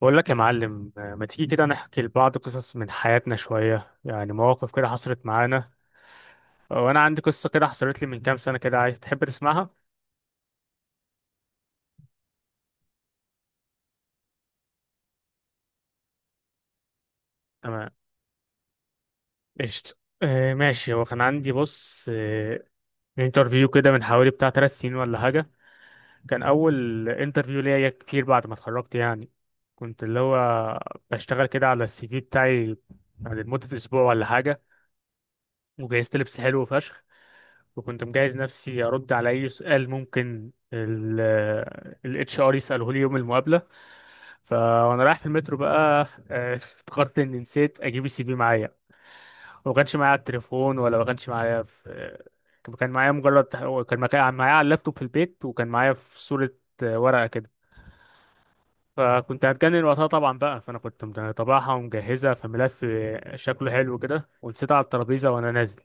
بقول لك يا معلم، ما تيجي كده نحكي لبعض قصص من حياتنا شوية، يعني مواقف كده حصلت معانا. وانا عندي قصة كده حصلت لي من كام سنة كده، عايز تحب تسمعها؟ تمام. قشطة. آه، ماشي. هو كان عندي بص، انترفيو كده من حوالي بتاع 3 سنين ولا حاجة. كان أول انترفيو ليا كتير بعد ما اتخرجت يعني. كنت اللي هو بشتغل كده على السي في بتاعي يعني لمدة أسبوع ولا حاجة. وجهزت لبس حلو فشخ، وكنت مجهز نفسي ارد على اي سؤال ممكن الاتش ار يساله لي يوم المقابله. فانا رايح في المترو بقى، افتكرت اني نسيت اجيب السي في معايا. وما كانش معايا على التليفون، ولا ما كانش معايا في كان معايا مجرد، كان معايا على اللابتوب في البيت، وكان معايا في صوره، ورقه كده. فكنت هتجنن وقتها طبعا بقى، فانا كنت مطبعها ومجهزها في ملف، شكله حلو كده، ونسيتها على الترابيزه وانا نازل.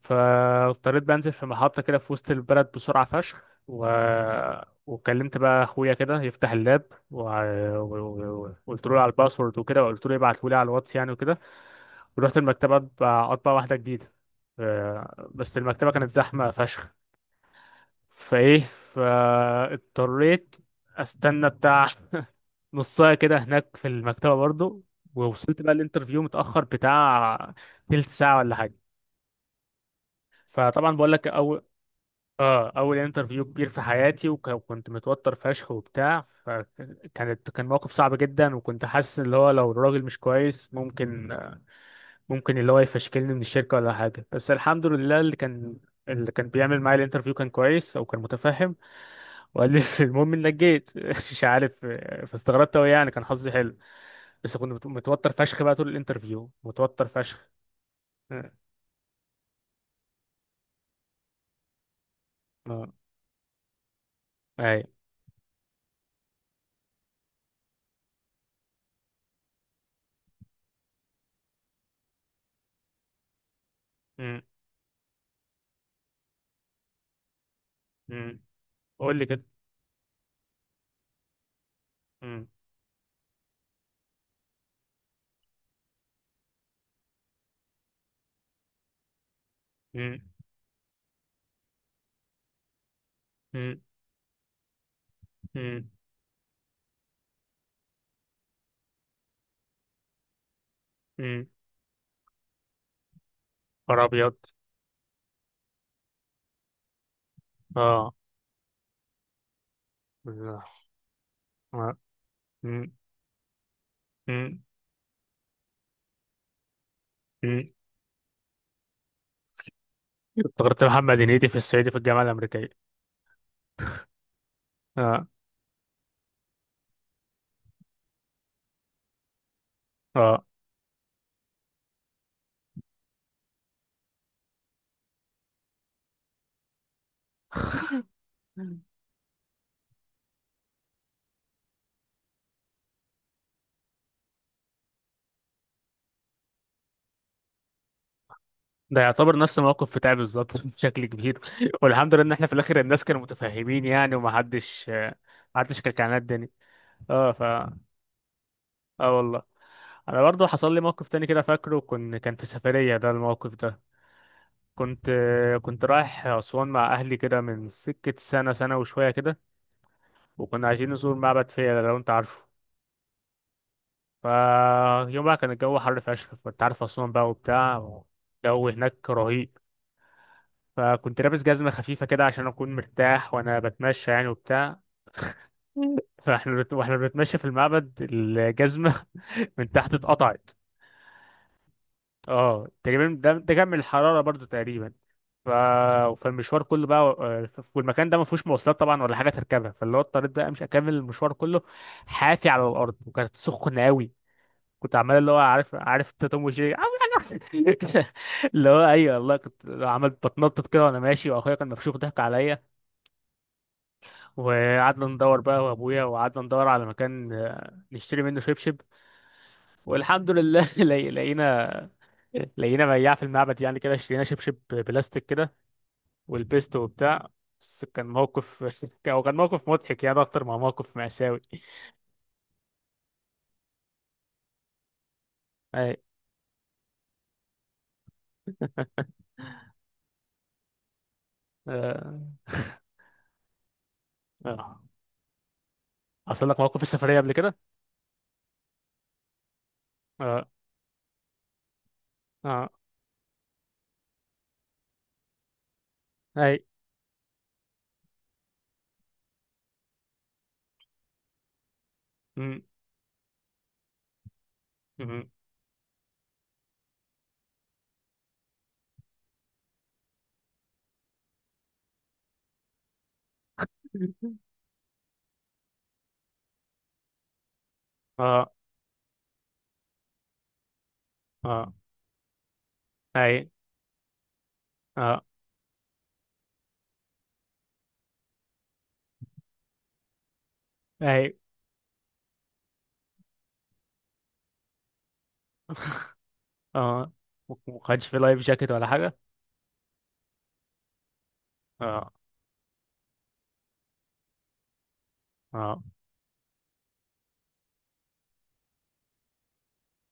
فاضطريت بنزل في محطة كده في وسط البلد بسرعة فشخ وكلمت بقى اخويا كده يفتح اللاب، وقلت وقلت له على الباسورد وكده، وقلت له يبعته لي على الواتس يعني وكده. ورحت المكتبة أطبع واحدة جديدة. آه، بس المكتبة كانت زحمة فشخ، فايه فاضطريت استنى بتاع نصاية كده هناك في المكتبة برضو. ووصلت بقى الانترفيو متأخر بتاع تلت ساعة ولا حاجة. فطبعا بقول لك، اه، اول انترفيو كبير في حياتي، وكنت متوتر فشخ وبتاع، فكانت كان موقف صعب جدا. وكنت حاسس اللي هو لو الراجل مش كويس ممكن، اللي هو يفشكلني من الشركة ولا حاجة. بس الحمد لله اللي كان، اللي كان بيعمل معايا الانترفيو كان كويس او كان متفهم. وقال لي المهم انك جيت مش عارف. فاستغربت قوي يعني، كان حظي حلو. بس كنت متوتر فشخ بقى، طول الانترفيو متوتر فشخ. اه. آه. اي. أمم. أمم. قول لي كده. أمم. أمم. أمم. أمم. نهار ابيض. اه. لا. آه. م- م- م. افتكرت محمد هنيدي في الصعيدي في الجامعه الامريكيه. اه. اه، ده يعتبر نفس الموقف بتاعي بالظبط بشكل كبير. والحمد لله ان احنا في الاخر الناس كانوا متفاهمين يعني، ومحدش محدش كان، كان الدنيا. اه ف، اه والله. انا برضو حصل لي موقف تاني كده فاكره، كن كان في سفرية ده الموقف ده. كنت، كنت رايح أسوان مع أهلي كده من سكة سنة سنة وشوية كده. وكنا عايزين نزور معبد فيلة لو أنت عارفه. فيوم بقى كان الجو حر فشخ، كنت عارف أسوان بقى وبتاع، الجو هناك رهيب. فكنت لابس جزمة خفيفة كده عشان أكون مرتاح وأنا بتمشى يعني وبتاع. فاحنا واحنا بنتمشى في المعبد، الجزمة من تحت اتقطعت. اه، تقريبا ده، ده كان من الحرارة برضو تقريبا. ف... فالمشوار كله بقى، آه، والمكان ده ما فيهوش مواصلات طبعا ولا حاجة تركبها، فاللي هو اضطريت بقى مش اكمل المشوار كله حافي على الأرض، وكانت سخنة قوي. كنت عمال اللي هو عارف، عارف انت توم وجيري عامل حاجه أحسن. اللي هو ايوه والله، كنت عملت بتنطط كده وانا ماشي، واخويا كان مفشوخ ضحك عليا. وقعدنا ندور بقى وابويا، وقعدنا ندور على مكان، آه، نشتري منه شبشب. والحمد لله لقينا، لقينا بياع في المعبد يعني كده، اشترينا شبشب بلاستيك كده، ولبسته وبتاع. بس كان موقف او كان موقف مضحك يعني، اكتر ما موقف مأساوي. اي. اه. اه، حصل لك موقف في السفرية قبل كده؟ اه. اه. اي. مم. اه. اه. اي. اه. اي. اه، ما كانش في لايف جاكيت ولا حاجه؟ اه. اه.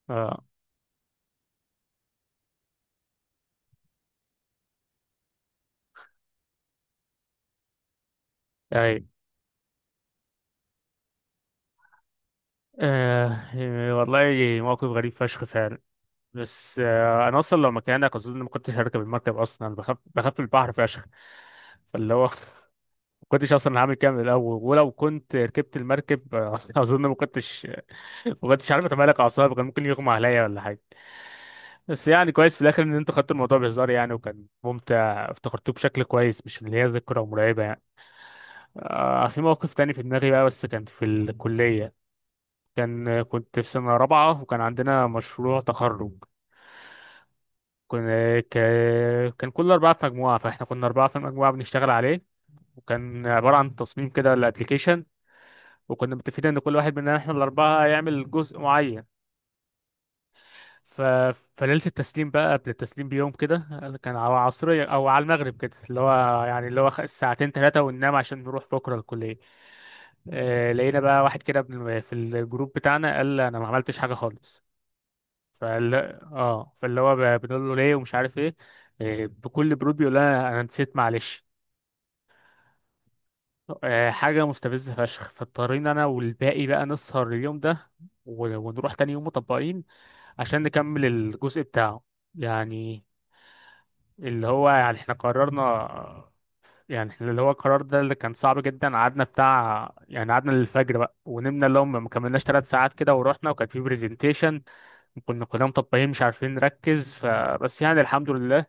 اه. اي. آه. والله، موقف غريب فشخ فعلا. بس آه، انا اصلا لو مكانك اظن ما كنتش هركب المركب اصلا، أنا بخاف، بخاف من البحر فشخ. فاللي هو ما كنتش اصلا هعمل كامل الاول. ولو كنت ركبت المركب، آه، اظن ما كنتش، ما كنتش عارف اتمالك اعصابي، كان ممكن يغمى عليا ولا حاجه. بس يعني كويس في الاخر ان انت خدت الموضوع بهزار يعني، وكان ممتع افتكرتوه بشكل كويس، مش اللي هي ذكرى مرعبه يعني. آه، في موقف تاني في دماغي بقى، بس كان في الكليه. كان كنت في سنه رابعه، وكان عندنا مشروع تخرج. كنا ك... كان كل اربعه في مجموعه، فاحنا كنا اربعه في مجموعه بنشتغل عليه. وكان عباره عن تصميم كده لابلكيشن. وكنا متفقين ان كل واحد مننا احنا الاربعه هيعمل جزء معين. ف... فليلة التسليم بقى، قبل التسليم بيوم كده، كان على العصرية أو على المغرب كده اللي هو يعني اللي هو ساعتين ثلاثة وننام عشان نروح بكرة الكلية. آه، لقينا بقى واحد كده في الجروب بتاعنا قال أنا ما عملتش حاجة خالص. فال، اه. فاللي هو بنقول له ليه ومش عارف ايه. آه، بكل برود بيقول لنا أنا نسيت، معلش. آه، حاجة مستفزة فشخ. فاضطرينا أنا والباقي بقى نسهر اليوم ده، ونروح تاني يوم مطبقين عشان نكمل الجزء بتاعه يعني. اللي هو يعني احنا قررنا، يعني احنا اللي هو القرار ده اللي كان صعب جدا. قعدنا بتاع يعني، قعدنا للفجر بقى ونمنا اللي هم ما كملناش 3 ساعات كده، ورحنا وكان في برزنتيشن. كنا كلنا مطبقين مش عارفين نركز، فبس يعني الحمد لله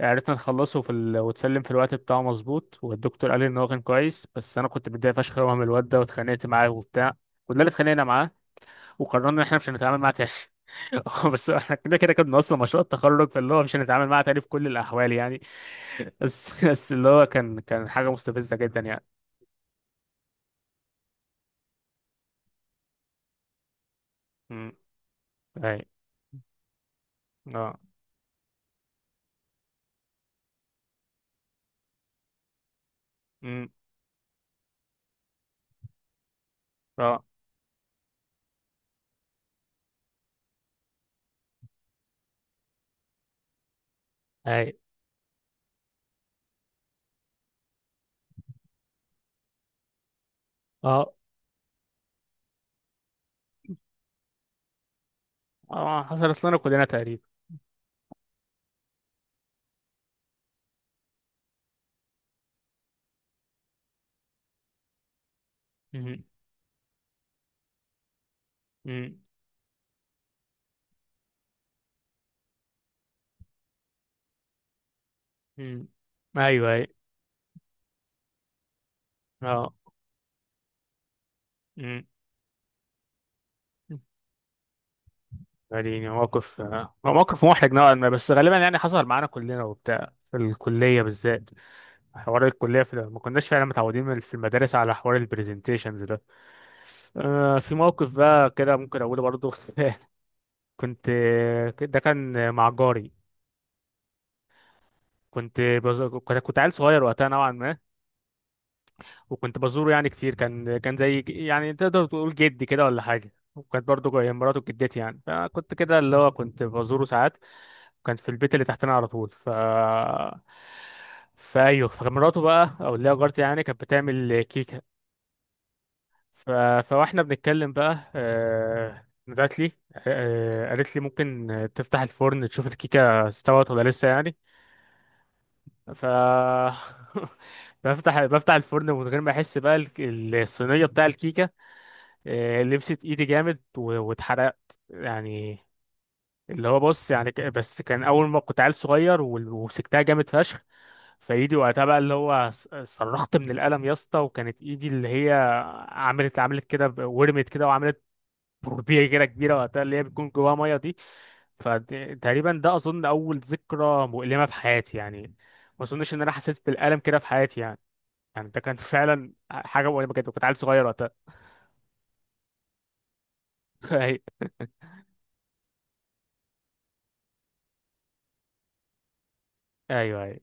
عرفنا نخلصه في ال، وتسلم في الوقت بتاعه مظبوط. والدكتور قال لي ان هو كان كويس، بس انا كنت متضايق فشخ قوي من الواد ده، واتخانقت معاه وبتاع. كلنا اللي اتخانقنا معاه، وقررنا ان احنا مش هنتعامل معاه تاني. بس احنا كده كده كنا اصلا مشروع التخرج، فاللي هو مش هنتعامل معاه تاني في كل الاحوال يعني. بس بس اللي هو كان، كان حاجة مستفزة جدا يعني. امم. اي. اه. امم. اه. اي. اه. اه، حصلت لنا كلنا تقريبا. امم. امم. امم. ايوه. اي. اه. امم. يعني موقف، آه، هو موقف محرج نوعا ما، بس غالبا يعني حصل معانا كلنا وبتاع في الكلية بالذات. حوار الكلية في ما كناش فعلا متعودين في المدارس على حوار البرزنتيشنز ده. آه، في موقف بقى كده ممكن أقوله برضو. كنت، ده كان مع جاري. كنت، كنت عيل صغير وقتها نوعا ما، وكنت بزوره يعني كتير. كان كان زي يعني تقدر تقول جدي كده ولا حاجة. وكانت برضه مراته جدتي يعني. فكنت كده اللي هو كنت بزوره ساعات، كان في البيت اللي تحتنا على طول. ف، فايوه، فمراته بقى او اللي هي جارتي يعني كانت بتعمل كيكة. ف... فواحنا بنتكلم بقى، آه، نادت لي، آه، قالت لي ممكن تفتح الفرن تشوف الكيكة استوت ولا لسه يعني. ف بفتح الفرن من غير ما احس بقى الصينيه بتاع الكيكه، آه، لبست ايدي جامد واتحرقت يعني. اللي هو بص يعني، بس كان اول ما كنت عيل صغير ومسكتها جامد فشخ. فايدي وقتها بقى اللي هو صرخت من الالم يا اسطى. وكانت ايدي اللي هي عملت، عملت كده، ورمت كده، وعملت بربيه كده كبيره وقتها اللي هي بتكون جواها ميه دي. فتقريبا ده اظن اول ذكرى مؤلمه في حياتي يعني. ما اظنش ان انا حسيت بالالم كده في حياتي يعني، يعني ده كان فعلا حاجه مؤلمه جدا، كنت عيل صغير وقتها. ايوه. ايوه.